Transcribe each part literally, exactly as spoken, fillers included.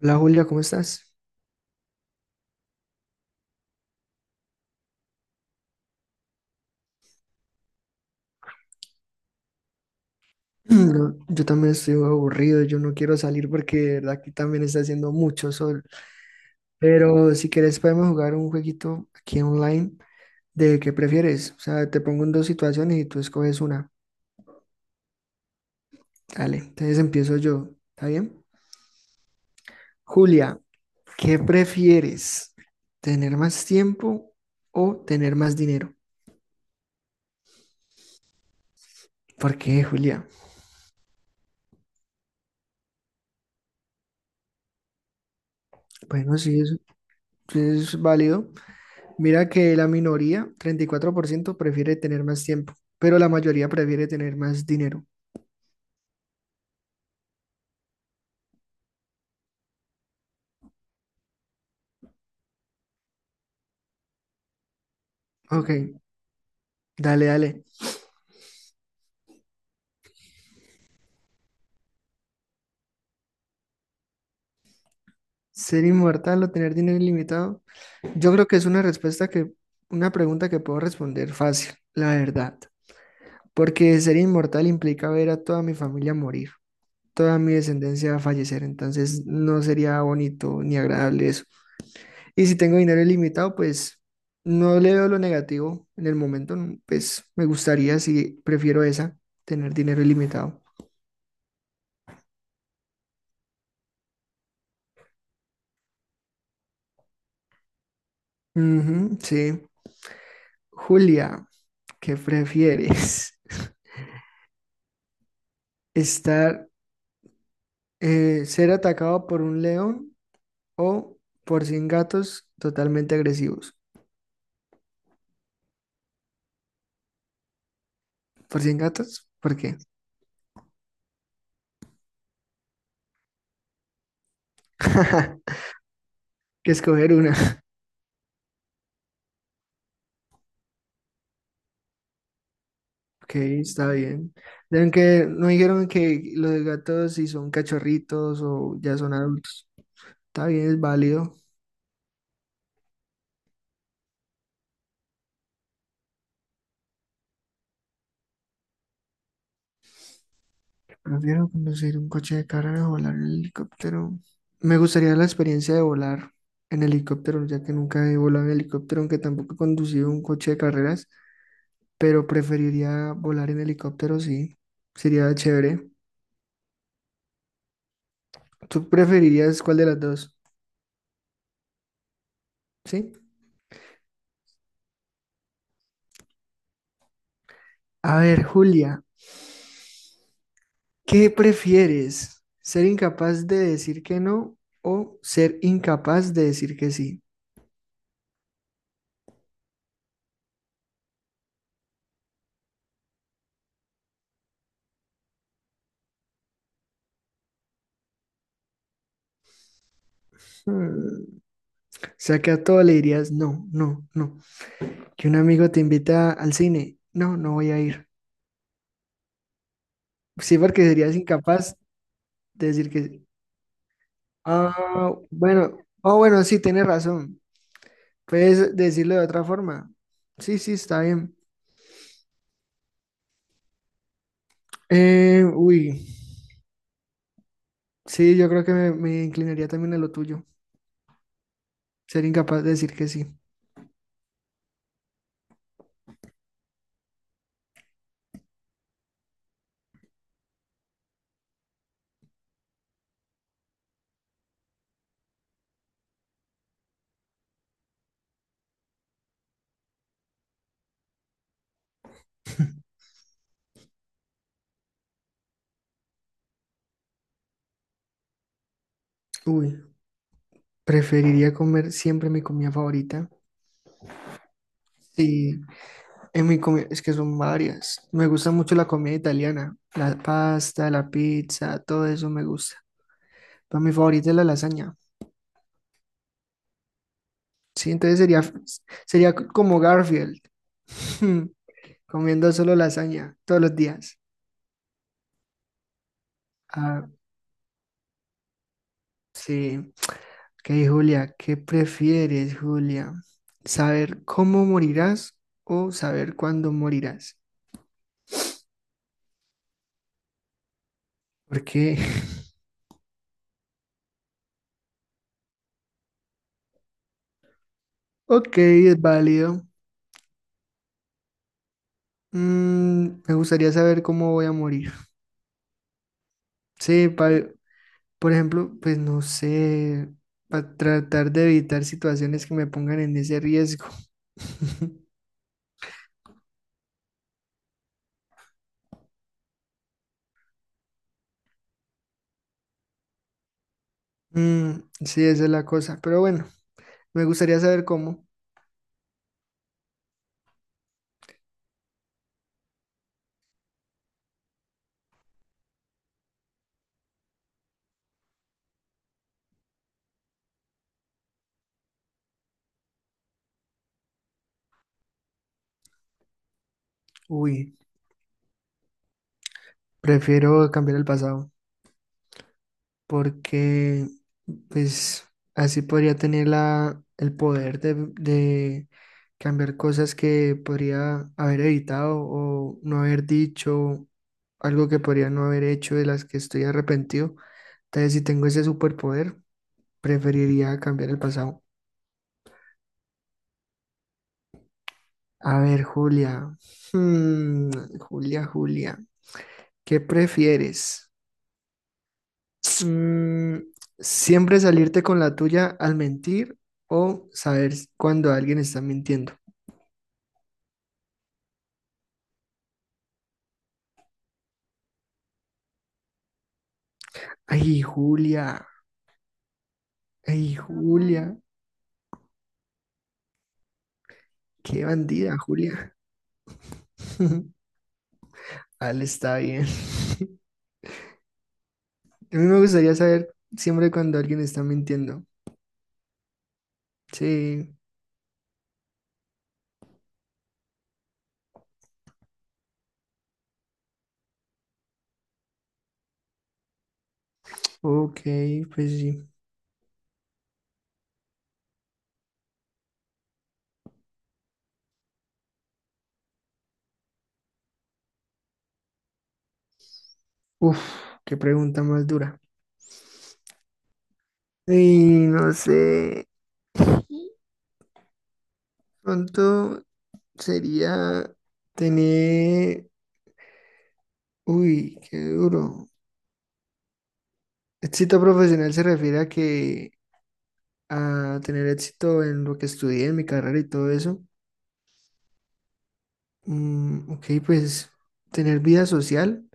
Hola Julia, ¿cómo estás? No, yo también estoy aburrido, yo no quiero salir porque de verdad aquí también está haciendo mucho sol. Pero si quieres podemos jugar un jueguito aquí online de qué prefieres. O sea, te pongo en dos situaciones y tú escoges una. Dale, entonces empiezo yo, ¿está bien? Julia, ¿qué prefieres? ¿Tener más tiempo o tener más dinero? ¿Por qué, Julia? Bueno, sí, es, sí es válido. Mira que la minoría, treinta y cuatro por ciento, prefiere tener más tiempo, pero la mayoría prefiere tener más dinero. Ok, dale, dale. ¿Ser inmortal o tener dinero ilimitado? Yo creo que es una respuesta que, una pregunta que puedo responder fácil, la verdad. Porque ser inmortal implica ver a toda mi familia morir, toda mi descendencia fallecer, entonces no sería bonito ni agradable eso. Y si tengo dinero ilimitado, pues no le veo lo negativo en el momento. No, pues me gustaría, si prefiero esa, tener dinero ilimitado. Ujú, sí. Julia, ¿qué prefieres? ¿Estar, eh, ser atacado por un león o por cien gatos totalmente agresivos? ¿Por cien gatos? ¿Por qué? Que escoger una. Ok, está bien. Dijeron que, no dijeron que los gatos si son cachorritos o ya son adultos. Está bien, es válido. Prefiero conducir un coche de carrera o volar en helicóptero. Me gustaría la experiencia de volar en helicóptero, ya que nunca he volado en helicóptero, aunque tampoco he conducido un coche de carreras, pero preferiría volar en helicóptero, sí. Sería chévere. ¿Tú preferirías cuál de las dos? Sí. A ver, Julia, ¿qué prefieres? ¿Ser incapaz de decir que no o ser incapaz de decir que sí? Hmm, O sea que a todo le dirías no, no, no. Que un amigo te invita al cine. No, no voy a ir. Sí, porque serías incapaz de decir que sí. Ah, bueno, oh, bueno, sí, tienes razón. Puedes decirlo de otra forma. Sí, sí, está bien. Eh, uy, sí, yo creo que me, me inclinaría también a lo tuyo. Ser incapaz de decir que sí. Uy, preferiría comer siempre mi comida favorita. Sí, en mi comi- es que son varias. Me gusta mucho la comida italiana, la pasta, la pizza, todo eso me gusta. Pero mi favorita es la lasaña. Sí, entonces sería, sería como Garfield, comiendo solo lasaña todos los días. Ah, sí. Ok, Julia, ¿qué prefieres, Julia? ¿Saber cómo morirás o saber cuándo morirás? Porque, ok, es válido. Mm, me gustaría saber cómo voy a morir. Sí, pa- por ejemplo, pues no sé, para tratar de evitar situaciones que me pongan en ese riesgo. Mm, sí, esa es la cosa. Pero bueno. Me gustaría saber cómo. Uy, prefiero cambiar el pasado porque pues así podría tener la, el poder de, de cambiar cosas que podría haber evitado o no haber dicho, algo que podría no haber hecho de las que estoy arrepentido. Entonces, si tengo ese superpoder, preferiría cambiar el pasado. A ver, Julia. Hmm, Julia, Julia, ¿qué prefieres? Mm, Siempre salirte con la tuya al mentir o saber cuando alguien está mintiendo. Ay, Julia, ay, Julia, qué bandida, Julia. Al está bien. A mí me gustaría saber siempre cuando alguien está mintiendo. Sí, ok, pues sí. Uf, qué pregunta más dura. Y no sé, pronto sería tener... Uy, qué duro. Éxito profesional se refiere a que a tener éxito en lo que estudié, en mi carrera y todo eso. Mm, ok, pues tener vida social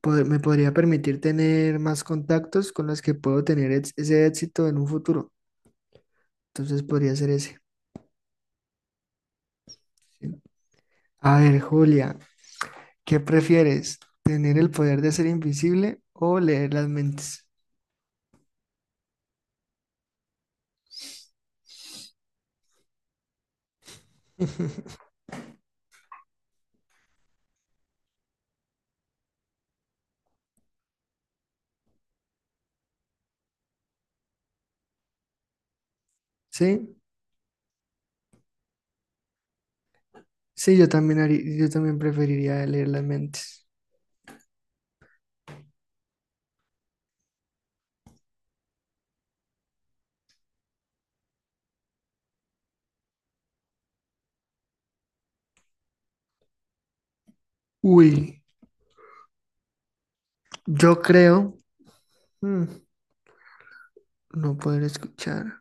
pod- me podría permitir tener más contactos con los que puedo tener ex- ese éxito en un futuro. Entonces podría ser ese. ¿Sí? A ver, Julia, ¿qué prefieres? ¿Tener el poder de ser invisible o leer las mentes? Sí, sí, yo también haría- yo también preferiría leer las mentes. Uy, yo creo. hmm, No poder escuchar.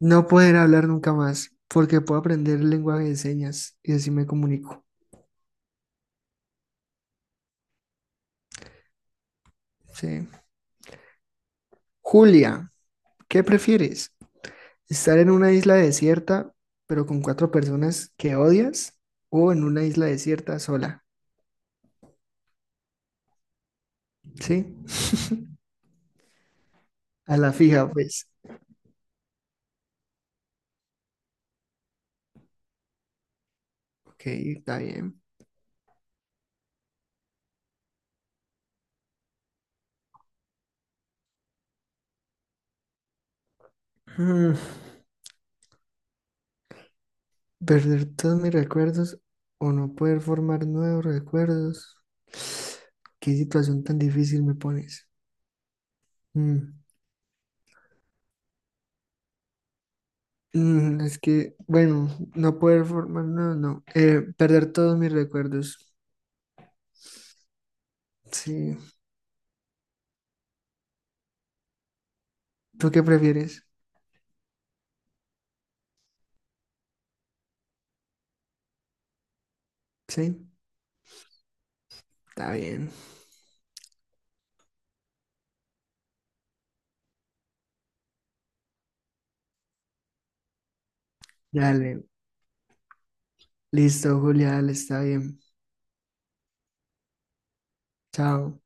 No poder hablar nunca más, porque puedo aprender lenguaje de señas y así me comunico. Sí. Julia, ¿qué prefieres? ¿Estar en una isla desierta, pero con cuatro personas que odias? ¿O en una isla desierta sola? Sí. A la fija, pues. Ok, está bien. Mm, ¿Perder todos mis recuerdos o no poder formar nuevos recuerdos? ¿Qué situación tan difícil me pones? Mm. Mm, es que, bueno, no poder formar, no, no, eh, perder todos mis recuerdos. Sí, ¿tú qué prefieres? Sí, está bien. Dale, listo, Julia, dale, está bien. Chao.